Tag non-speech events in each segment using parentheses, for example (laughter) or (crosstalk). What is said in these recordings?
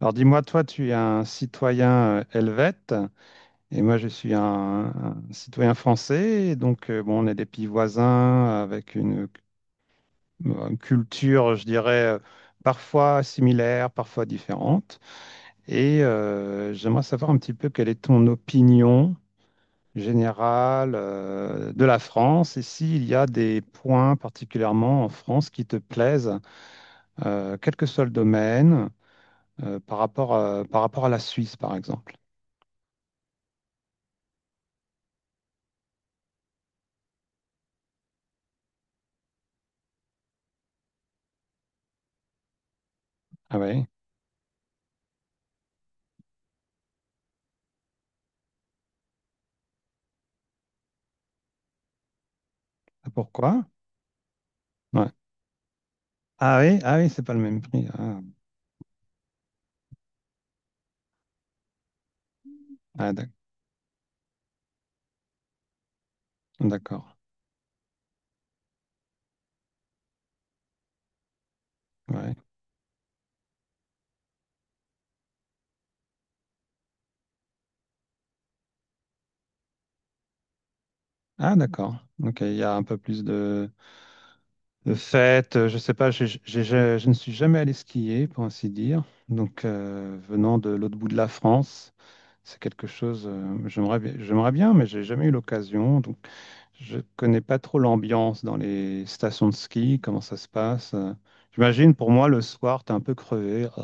Alors dis-moi, toi, tu es un citoyen helvète et moi, je suis un citoyen français. Et donc, bon, on est des pays voisins avec une culture, je dirais, parfois similaire, parfois différente. Et j'aimerais savoir un petit peu quelle est ton opinion générale de la France, et s'il y a des points particulièrement en France qui te plaisent, quel que soit le domaine, par rapport à la Suisse, par exemple. Ah ouais. Ah, pourquoi? Ouais. Ah oui, ah oui, c'est pas le même prix. Ah, d'ac- d'accord. Ouais. Ah d'accord. Ok, il y a un peu plus de fêtes. Je sais pas, je ne suis jamais allé skier, pour ainsi dire. Donc venant de l'autre bout de la France, c'est quelque chose. J'aimerais bien, j'aimerais bien, mais j'ai jamais eu l'occasion. Donc je connais pas trop l'ambiance dans les stations de ski, comment ça se passe. J'imagine pour moi le soir, t'es un peu crevé,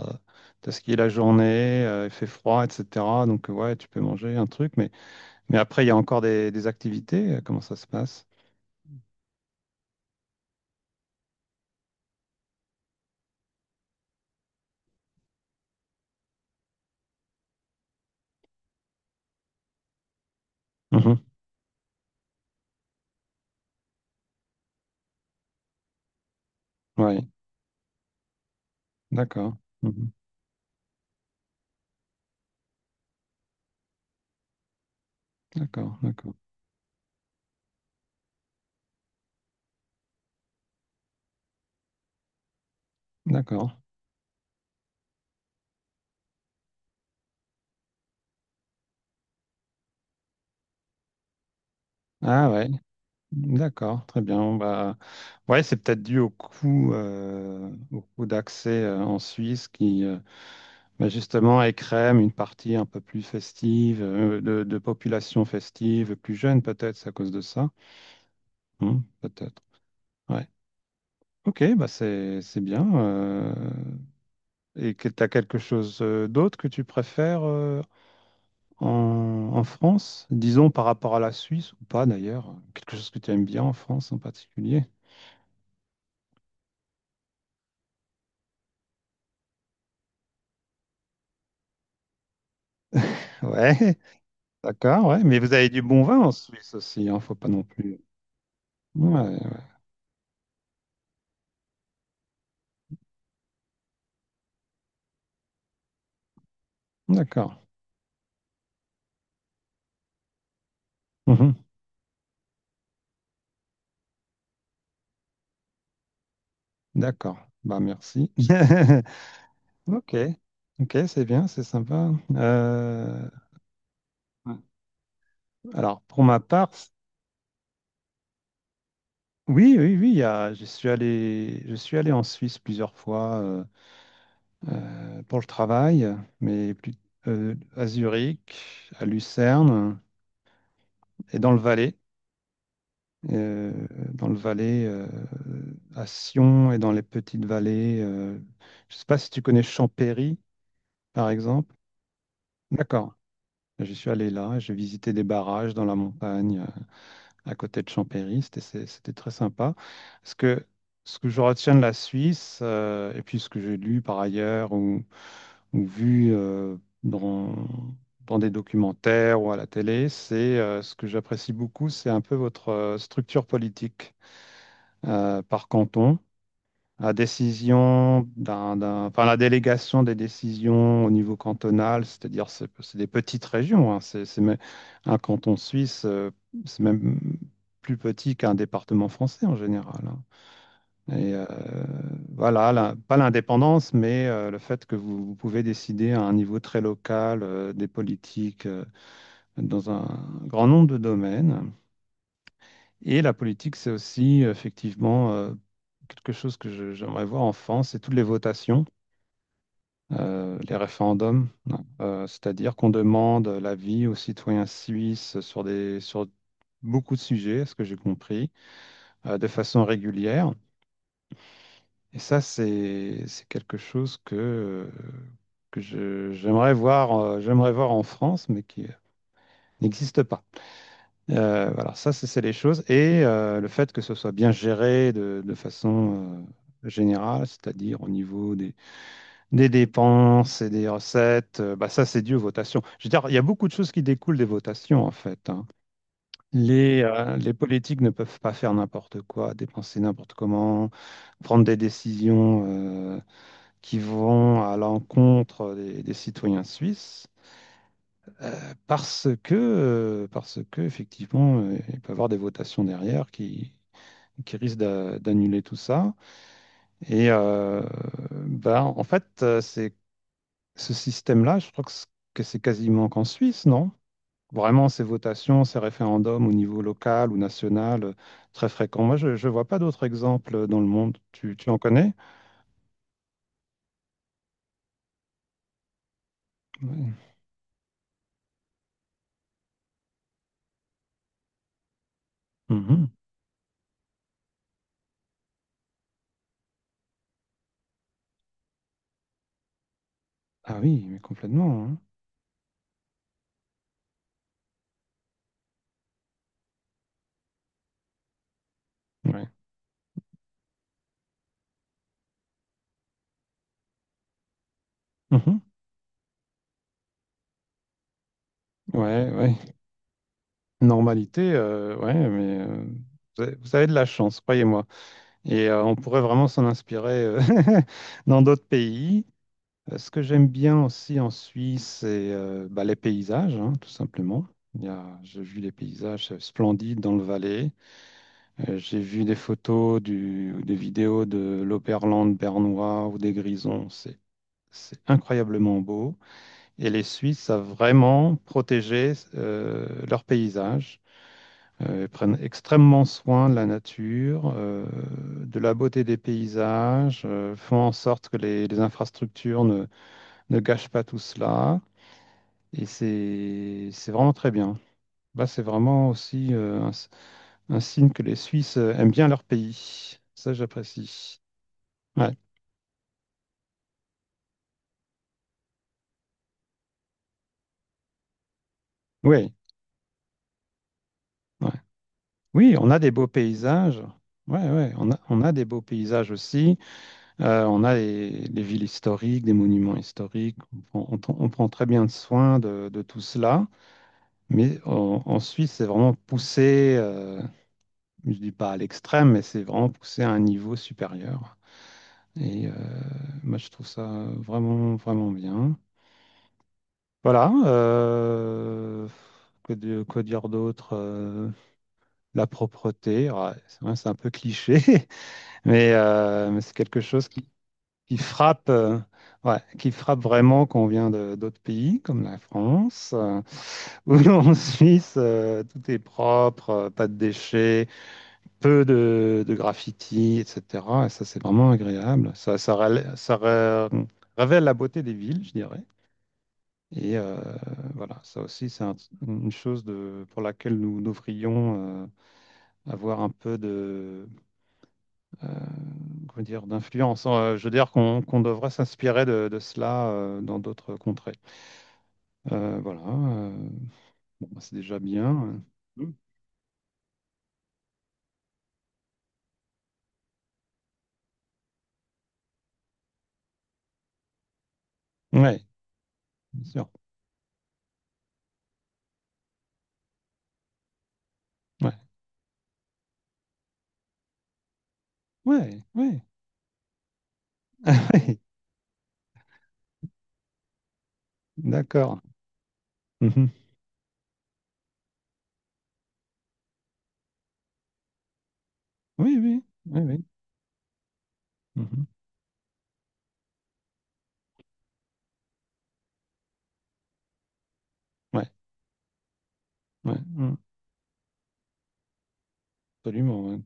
t'as skié la journée, il fait froid, etc. Donc ouais, tu peux manger un truc, mais après il y a encore des activités, comment ça se passe? Mhm. Oui, d'accord. Mhm. D'accord, d'accord, d'accord. Ah ouais, d'accord, très bien. Bon, bah, ouais, c'est peut-être dû au coût d'accès en Suisse qui, euh… Mais justement, elle crème une partie un peu plus festive, de population festive, plus jeune peut-être, c'est à cause de ça. Hmm, peut-être. Ouais. Ok, bah c'est bien. Et que tu as quelque chose d'autre que tu préfères en, en France, disons par rapport à la Suisse ou pas d'ailleurs, quelque chose que tu aimes bien en France en particulier. Ouais, (laughs) d'accord, ouais. Mais vous avez du bon vin en Suisse aussi, hein, faut pas non plus. Ouais, d'accord. Mhm, d'accord. Bah merci. (laughs) Ok, ok, c'est bien, c'est sympa. Euh, alors, pour ma part, oui, oui, oui, je suis allé en Suisse plusieurs fois, pour le travail, mais plus, à Zurich, à Lucerne et euh, dans le Valais, à Sion et dans les petites vallées. Je ne sais pas si tu connais Champéry, par exemple. D'accord. Je suis allé là, j'ai visité des barrages dans la montagne, à côté de Chambéry. C'était très sympa. Ce que, Ce que je retiens de la Suisse, et puis ce que j'ai lu par ailleurs ou vu dans, dans des documentaires ou à la télé, c'est ce que j'apprécie beaucoup, c'est un peu votre structure politique par canton. La décision d'un, d'un- Enfin, la délégation des décisions au niveau cantonal, c'est-à-dire c'est des petites régions. Hein. Un canton suisse, c'est même plus petit qu'un département français en général. Hein. Et voilà, pas l'indépendance, mais le fait que vous, vous pouvez décider à un niveau très local des politiques dans un grand nombre de domaines. Et la politique, c'est aussi effectivement quelque chose que j'aimerais voir en France, c'est toutes les votations. Les référendums, c'est-à-dire qu'on demande l'avis aux citoyens suisses sur beaucoup de sujets, à ce que j'ai compris, de façon régulière. Et ça, c'est quelque chose que, j'aimerais voir en France, mais qui n'existe pas. Voilà, ça, c'est les choses. Et le fait que ce soit bien géré de façon générale, c'est-à-dire au niveau des dépenses et des recettes, bah ça c'est dû aux votations. Je veux dire, il y a beaucoup de choses qui découlent des votations en fait. Hein. Les politiques ne peuvent pas faire n'importe quoi, dépenser n'importe comment, prendre des décisions qui vont à l'encontre des citoyens suisses parce que effectivement, il peut y avoir des votations derrière qui, d'annuler tout ça. Et bah, en fait, c'est… Ce système-là, je crois que c'est quasiment qu'en Suisse, non? Vraiment, ces votations, ces référendums au niveau local ou national, très fréquents. Moi, je ne vois pas d'autres exemples dans le monde. Tu en connais? Oui. Mhm. Ah oui, mais complètement. Hein. Ouais. Mhm. Ouais, ouais. Normalité, ouais, mais vous avez de la chance, croyez-moi. Et on pourrait vraiment s'en inspirer (laughs) dans d'autres pays. Ce que j'aime bien aussi en Suisse, c'est bah, les paysages, hein, tout simplement. J'ai vu les paysages splendides dans le Valais. J'ai vu des photos, des vidéos de l'Oberland bernois ou des Grisons. C'est incroyablement beau. Et les Suisses savent vraiment protéger leurs paysages. Ils prennent extrêmement soin de la nature, de la beauté des paysages, font en sorte que les infrastructures ne gâchent pas tout cela. Et c'est vraiment très bien. Là, c'est vraiment aussi un signe que les Suisses aiment bien leur pays. Ça, j'apprécie. Ouais. Oui, ouais. Oui, on a des beaux paysages. Ouais, ouais, on a des beaux paysages aussi. On a les villes historiques, des monuments historiques. On, on prend très bien soin de tout cela. Mais en Suisse, c'est vraiment poussé, je dis pas à l'extrême, mais c'est vraiment poussé à un niveau supérieur. Et moi, je trouve ça vraiment, vraiment bien. Voilà. Quoi dire d'autre? La propreté. Ouais, c'est vrai, c'est un peu cliché, (laughs) mais c'est quelque chose qui frappe, ouais, qui frappe vraiment quand on vient d'autres pays, comme la France, (laughs) où en Suisse, tout est propre, pas de déchets, peu de graffiti, etc. Et ça, c'est vraiment agréable. Ça, rela- ça re- révèle la beauté des villes, je dirais. Et voilà, ça aussi, une chose de, pour laquelle nous devrions avoir un peu euh, comment dire, d'influence. Je veux dire qu'on devrait s'inspirer de cela dans d'autres contrées. Voilà, bon, bah, c'est déjà bien. Oui, bien sûr. Ouais, ouais, ouais. (laughs) Ah ouais, d'accord. Mhm. Oui, oui, oui, oui. Mhm. Ouais, ouais, mm, absolument. Ouais.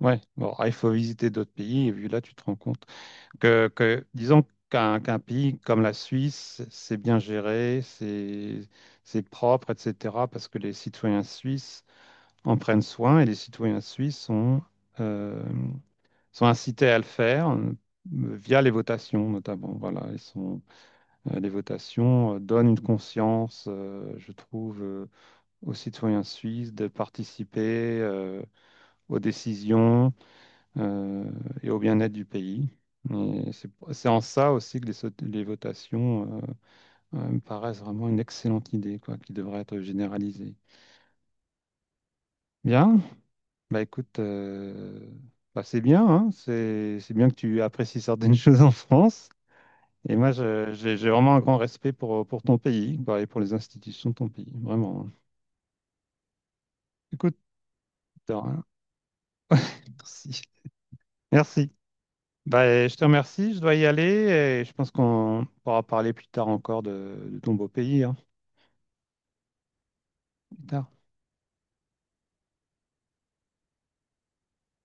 Ouais. Bon, alors, il faut visiter d'autres pays et vu là, tu te rends compte que disons qu'un pays comme la Suisse, c'est bien géré, c'est propre, etc. Parce que les citoyens suisses en prennent soin, et les citoyens suisses sont euh, sont incités à le faire. Via les votations notamment, voilà ils sont, les votations donnent une conscience, je trouve, aux citoyens suisses de participer aux décisions euh, et au bien-être du pays. Et c'est en ça aussi que les votations me paraissent vraiment une excellente idée, quoi, qui devrait être généralisée. Bien, bah écoute, bah, c'est bien, hein, c'est bien que tu apprécies certaines (laughs) choses en France. Et moi, j'ai vraiment un grand respect pour ton pays, quoi, et pour les institutions de ton pays, vraiment. Écoute, de rien. Merci. Merci. Bah, je te remercie, je dois y aller et je pense qu'on pourra parler plus tard encore de ton beau pays, hein.